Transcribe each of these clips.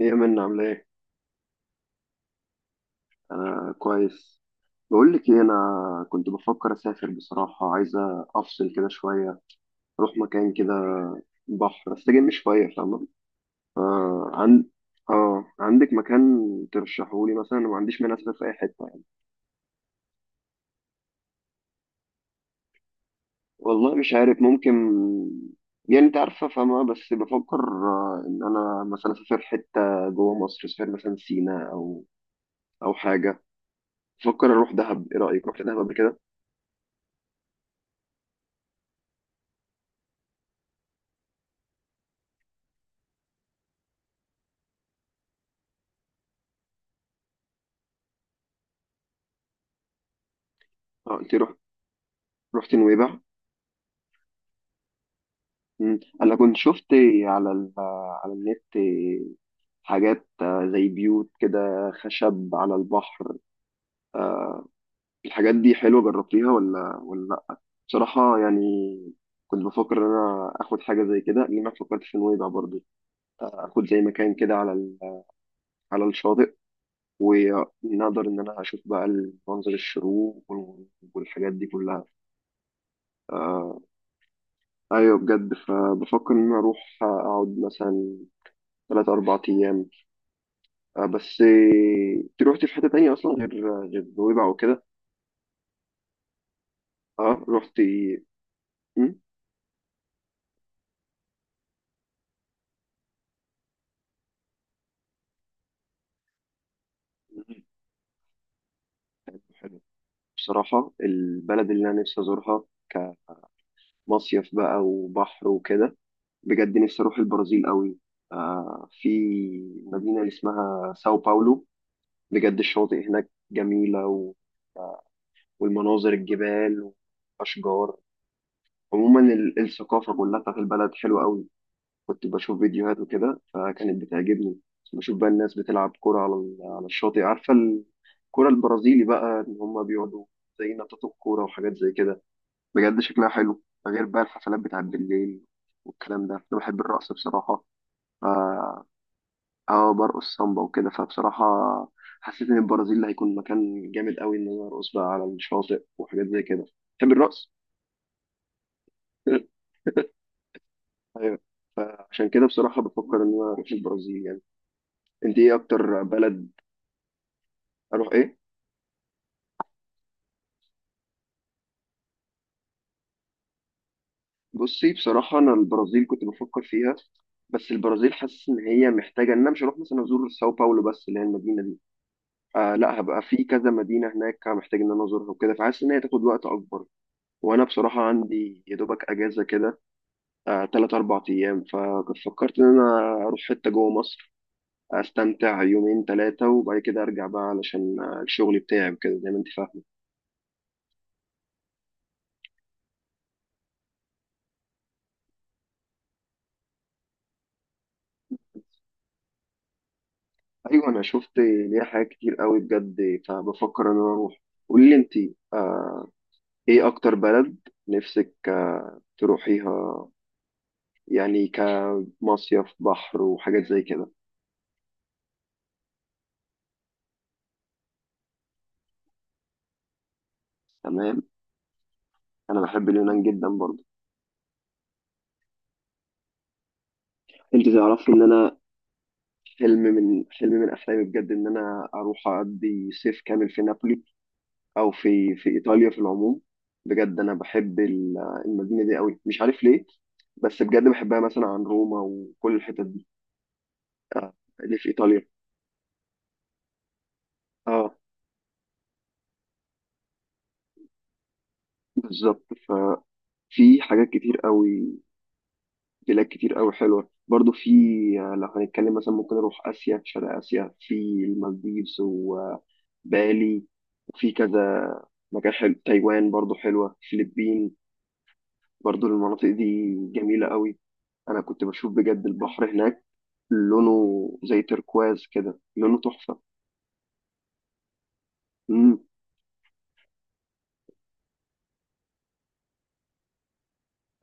ايه منا عامله ايه؟ انا كويس. بقول لك ايه، انا كنت بفكر اسافر، بصراحه عايزه افصل كده شويه، اروح مكان كده، بحر، استجم شويه، فاهمه؟ آه عن اه عندك مكان ترشحولي مثلا؟ أنا ما عنديش مانع اسافر في اي حته يعني. والله مش عارف، ممكن، يعني انت عارفه فاهمه، بس بفكر ان انا مثلا اسافر حته جوه مصر، اسافر مثلا سينا او حاجه. بفكر اروح دهب، ايه رايك، رحت دهب قبل كده؟ اه، انت رحت؟ رحت نويبع؟ مم. انا كنت شفت على النت حاجات زي بيوت كده، خشب على البحر. الحاجات دي حلوة، جربتيها ولا لا؟ بصراحة يعني، كنت بفكر ان انا اخد حاجة زي كده، لان انا فكرت في نويبع برضه، اخد زي مكان كده على الشاطئ، ونقدر ان انا اشوف بقى منظر الشروق والحاجات دي كلها. آه ايوه، بجد. فبفكر ان انا اروح اقعد مثلا ثلاث اربع ايام. بس انت روحتي في حتة تانية أصلا غير نويبع وكده؟ اه، روحتي. مم؟ مم. حلو. بصراحة البلد اللي أنا نفسي أزورها كمصيف بقى، وبحر وكده، بجد نفسي أروح البرازيل قوي. في مدينة اللي اسمها ساو باولو، بجد الشواطئ هناك جميلة، والمناظر، الجبال، وأشجار. عموما الثقافة كلها بتاعت البلد حلوة قوي. كنت بشوف فيديوهات وكده فكانت بتعجبني. بشوف بقى الناس بتلعب كرة على على الشاطئ، عارفة، الكرة البرازيلي بقى، إن هما بيقعدوا زي نطاط الكورة وحاجات زي كده. بجد شكلها حلو. غير بقى الحفلات بتاعت بالليل والكلام ده، أنا بحب الرقص بصراحة. ف- اه برقص سامبا وكده، فبصراحة حسيت إن البرازيل هيكون مكان جامد قوي، إن أنا أرقص بقى على الشاطئ وحاجات زي كده. بحب الرقص. ايوه. فعشان كده بصراحة بفكر إن أنا أروح البرازيل يعني. أنت إيه أكتر بلد؟ اروح ايه؟ بصي بصراحه، انا البرازيل كنت بفكر فيها، بس البرازيل حاسس ان هي محتاجه، ان انا مش هروح مثلا ازور ساو باولو بس، اللي هي المدينه دي. لا، هبقى في كذا مدينه هناك محتاج ان انا ازورها وكده، فحاسس ان هي تاخد وقت اكبر. وانا بصراحه عندي يا دوبك اجازه كده، تلات اربع ايام. فكنت فكرت ان انا اروح حته جوه مصر، استمتع يومين ثلاثه وبعد كده ارجع بقى، علشان الشغل بتاعي وكده زي ما انت فاهمه. ايوه، انا شفت ليها حاجات كتير قوي بجد، فبفكر ان انا اروح. قولي لي انت، آه، ايه اكتر بلد نفسك تروحيها، يعني كمصيف، بحر وحاجات زي كده؟ تمام. انا بحب اليونان جدا برضه. انت تعرفي ان انا، حلم من احلامي بجد، ان انا اروح اقضي صيف كامل في نابولي، او في ايطاليا في العموم. بجد انا بحب المدينه دي قوي، مش عارف ليه، بس بجد بحبها مثلا عن روما وكل الحتت دي. آه، اللي في ايطاليا. اه، بالظبط. ففي حاجات كتير قوي، بلاد كتير قوي حلوة برضو. في لو هنتكلم مثلا، ممكن نروح آسيا، شرق آسيا. في المالديفز وبالي، وفي كذا مكان حلو، تايوان برضو حلوة، فلبين برضو. المناطق دي جميلة قوي. أنا كنت بشوف بجد البحر هناك، لونه زي تركواز كده، لونه تحفة. مم.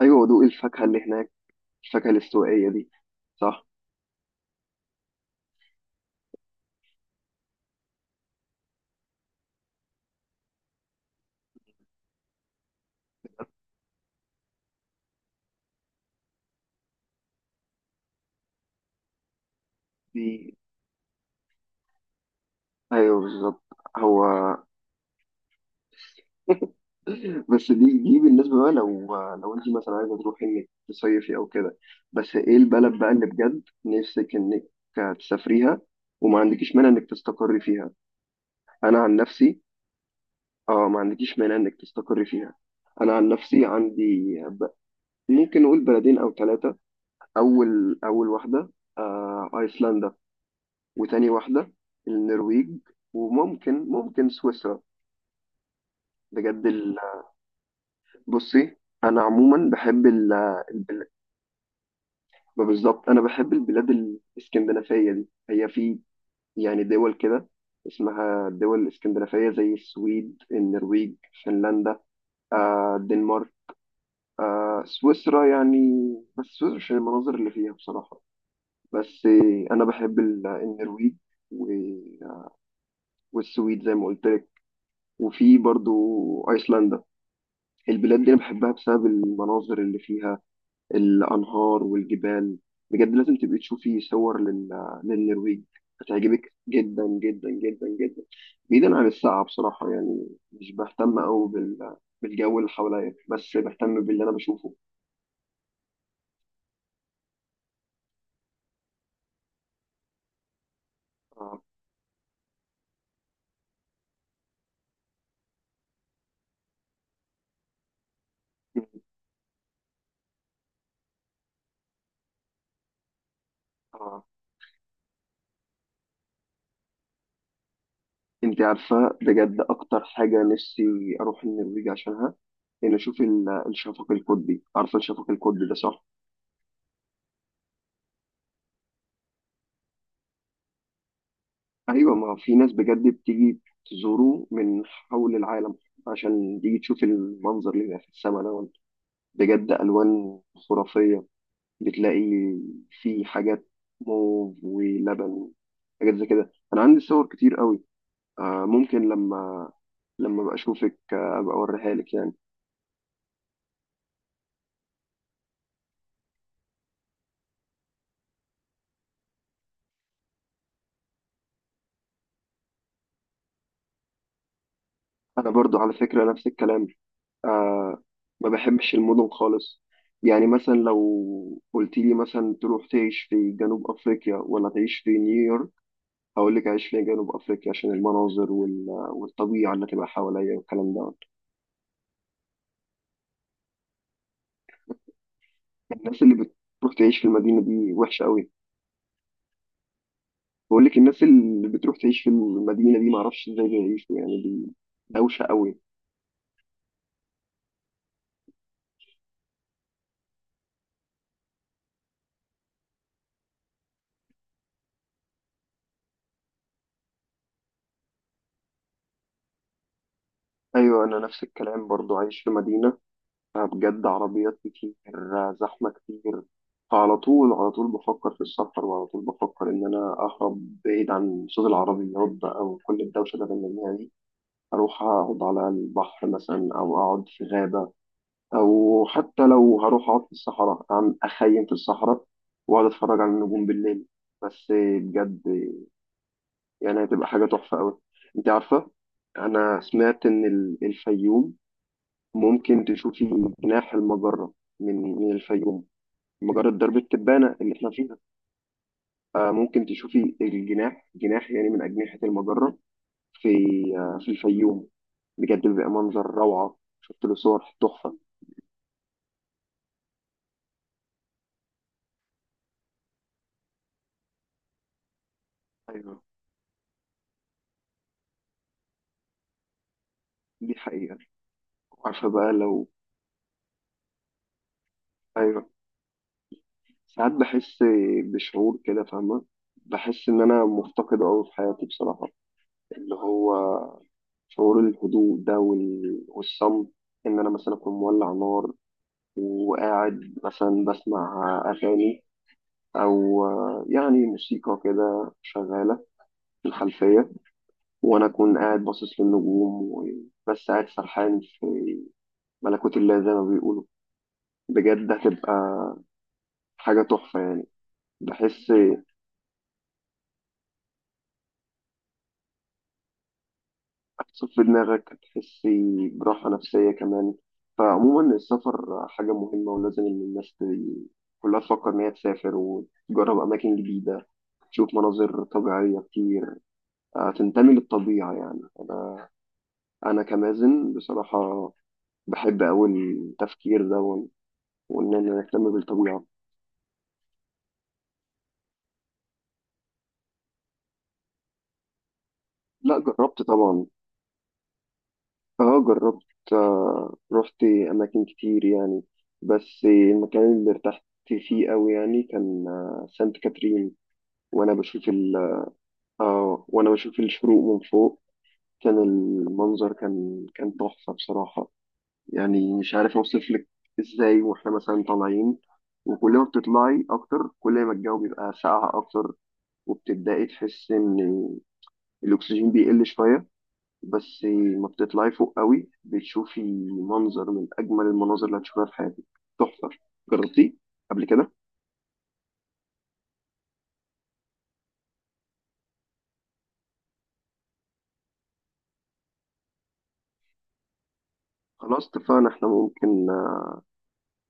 أيوة، ودوق الفاكهة اللي هناك، الفاكهة الاستوائية دي. صح. دي أيوة بالظبط. هو، بس دي بالنسبة بقى، لو انت مثلا عايزة تروحي انك تصيفي او كده، بس ايه البلد بقى اللي بجد نفسك انك تسافريها وما عندكيش مانع انك تستقري فيها؟ انا عن نفسي، اه، ما عندكيش مانع انك تستقري فيها، انا عن نفسي عندي ممكن نقول بلدين او ثلاثة. اول واحدة ايسلندا، وتاني واحدة النرويج، وممكن سويسرا. بجد بصي، انا عموما بحب البلاد. ما بالظبط انا بحب البلاد الاسكندنافيه دي. هي في، يعني دول كده اسمها الدول الاسكندنافيه زي السويد، النرويج، فنلندا، الدنمارك، سويسرا يعني. بس سويسرا عشان المناظر اللي فيها بصراحه. بس انا بحب النرويج و- والسويد زي ما قلت لك. وفي برضو ايسلندا. البلاد دي انا بحبها بسبب المناظر اللي فيها، الأنهار والجبال. بجد لازم تبقي تشوفي صور للنرويج، هتعجبك جدا جدا جدا جدا. بعيدا عن الساعة بصراحة، يعني مش بهتم أوي بالجو اللي حواليا، بس بهتم باللي أنا بشوفه. آه. آه. آه. أنت عارفة بجد أكتر حاجة نفسي أروح النرويج عشانها، إن أشوف الشفق القطبي، عارفة الشفق القطبي ده صح؟ ايوه، ما في ناس بجد بتيجي تزوره من حول العالم، عشان تيجي تشوف المنظر اللي بيبقى في السماء ده. بجد الوان خرافيه، بتلاقي في حاجات موف ولبن، حاجات زي كده. انا عندي صور كتير قوي، ممكن لما ابقى اشوفك ابقى اوريها لك يعني. انا برضو على فكره نفس الكلام، آه، ما بحبش المدن خالص. يعني مثلا لو قلت لي مثلا تروح تعيش في جنوب افريقيا ولا تعيش في نيويورك، هقول لك عايش فيها جنوب افريقيا، عشان المناظر والطبيعه اللي تبقى حواليا والكلام ده. الناس اللي بتروح تعيش في المدينه دي وحشه قوي. بقول لك الناس اللي بتروح تعيش في المدينه دي، ما اعرفش ازاي بيعيشوا يعني، دي دوشه قوي. ايوه، انا نفس الكلام برضو، عايش في مدينه بجد، عربيات كتير، زحمه كتير. فعلى طول على طول بفكر في السفر، وعلى طول بفكر ان انا اهرب بعيد عن صوت العربيات بقى وكل الدوشه اللي بنلاقيها دي. اروح اقعد على البحر مثلا، او اقعد في غابه، او حتى لو هروح اقعد في الصحراء أعمل اخيم في الصحراء، واقعد اتفرج على النجوم بالليل بس. بجد يعني هتبقى حاجه تحفه قوي. انت عارفه، انا سمعت ان الفيوم ممكن تشوفي جناح المجره من الفيوم. مجره درب التبانه اللي احنا فيها. ممكن تشوفي جناح يعني، من اجنحه المجره، في في الفيوم. بجد بيبقى منظر روعه، شفت له صور تحفه. ايوه دي حقيقه. عارفه بقى ايوه، ساعات بحس بشعور كده فاهمة. بحس إن أنا مفتقد أوي في حياتي بصراحة، اللي هو شعور الهدوء ده والصمت. إن أنا مثلا أكون مولع نار، وقاعد مثلا بسمع أغاني، أو يعني موسيقى كده شغالة في الخلفية، وأنا أكون قاعد باصص للنجوم، وبس قاعد سرحان في ملكوت الله زي ما بيقولوا. بجد هتبقى حاجة تحفة يعني. بحس هتصفي في دماغك، هتحسي براحة نفسية كمان. فعموما السفر حاجة مهمة، ولازم إن الناس كلها تفكر إن هي تسافر وتجرب أماكن جديدة، تشوف مناظر طبيعية كتير، تنتمي للطبيعة يعني. أنا كمازن بصراحة بحب أوي التفكير ده، إن أنا أهتم بالطبيعة. لا، جربت طبعا. اه جربت، رحت اماكن كتير يعني، بس المكان اللي ارتحت فيه قوي يعني كان سانت كاترين. وانا بشوف ال اه وانا بشوف الشروق من فوق، كان المنظر كان تحفة بصراحة، يعني مش عارف اوصف لك ازاي. واحنا مثلا طالعين، وكل ما بتطلعي اكتر كل ما الجو بيبقى ساقع اكتر، وبتبدأي تحسي ان الاكسجين بيقل شوية بس. ما بتطلعي فوق قوي بتشوفي منظر من أجمل المناظر اللي هتشوفها في حياتك، تحفة. جربتيه قبل كده؟ خلاص اتفقنا، احنا ممكن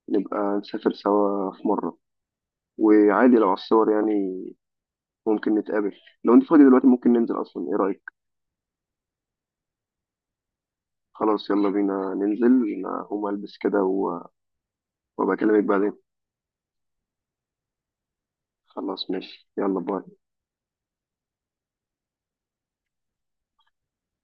نبقى نسافر سوا في مرة، وعادي لو على الصور يعني. ممكن نتقابل لو انت فاضي دلوقتي، ممكن ننزل أصلا، ايه رأيك؟ خلاص يلا بينا ننزل. أنا هقوم ألبس كده وأبقى أكلمك بعدين. خلاص ماشي، يلا باي.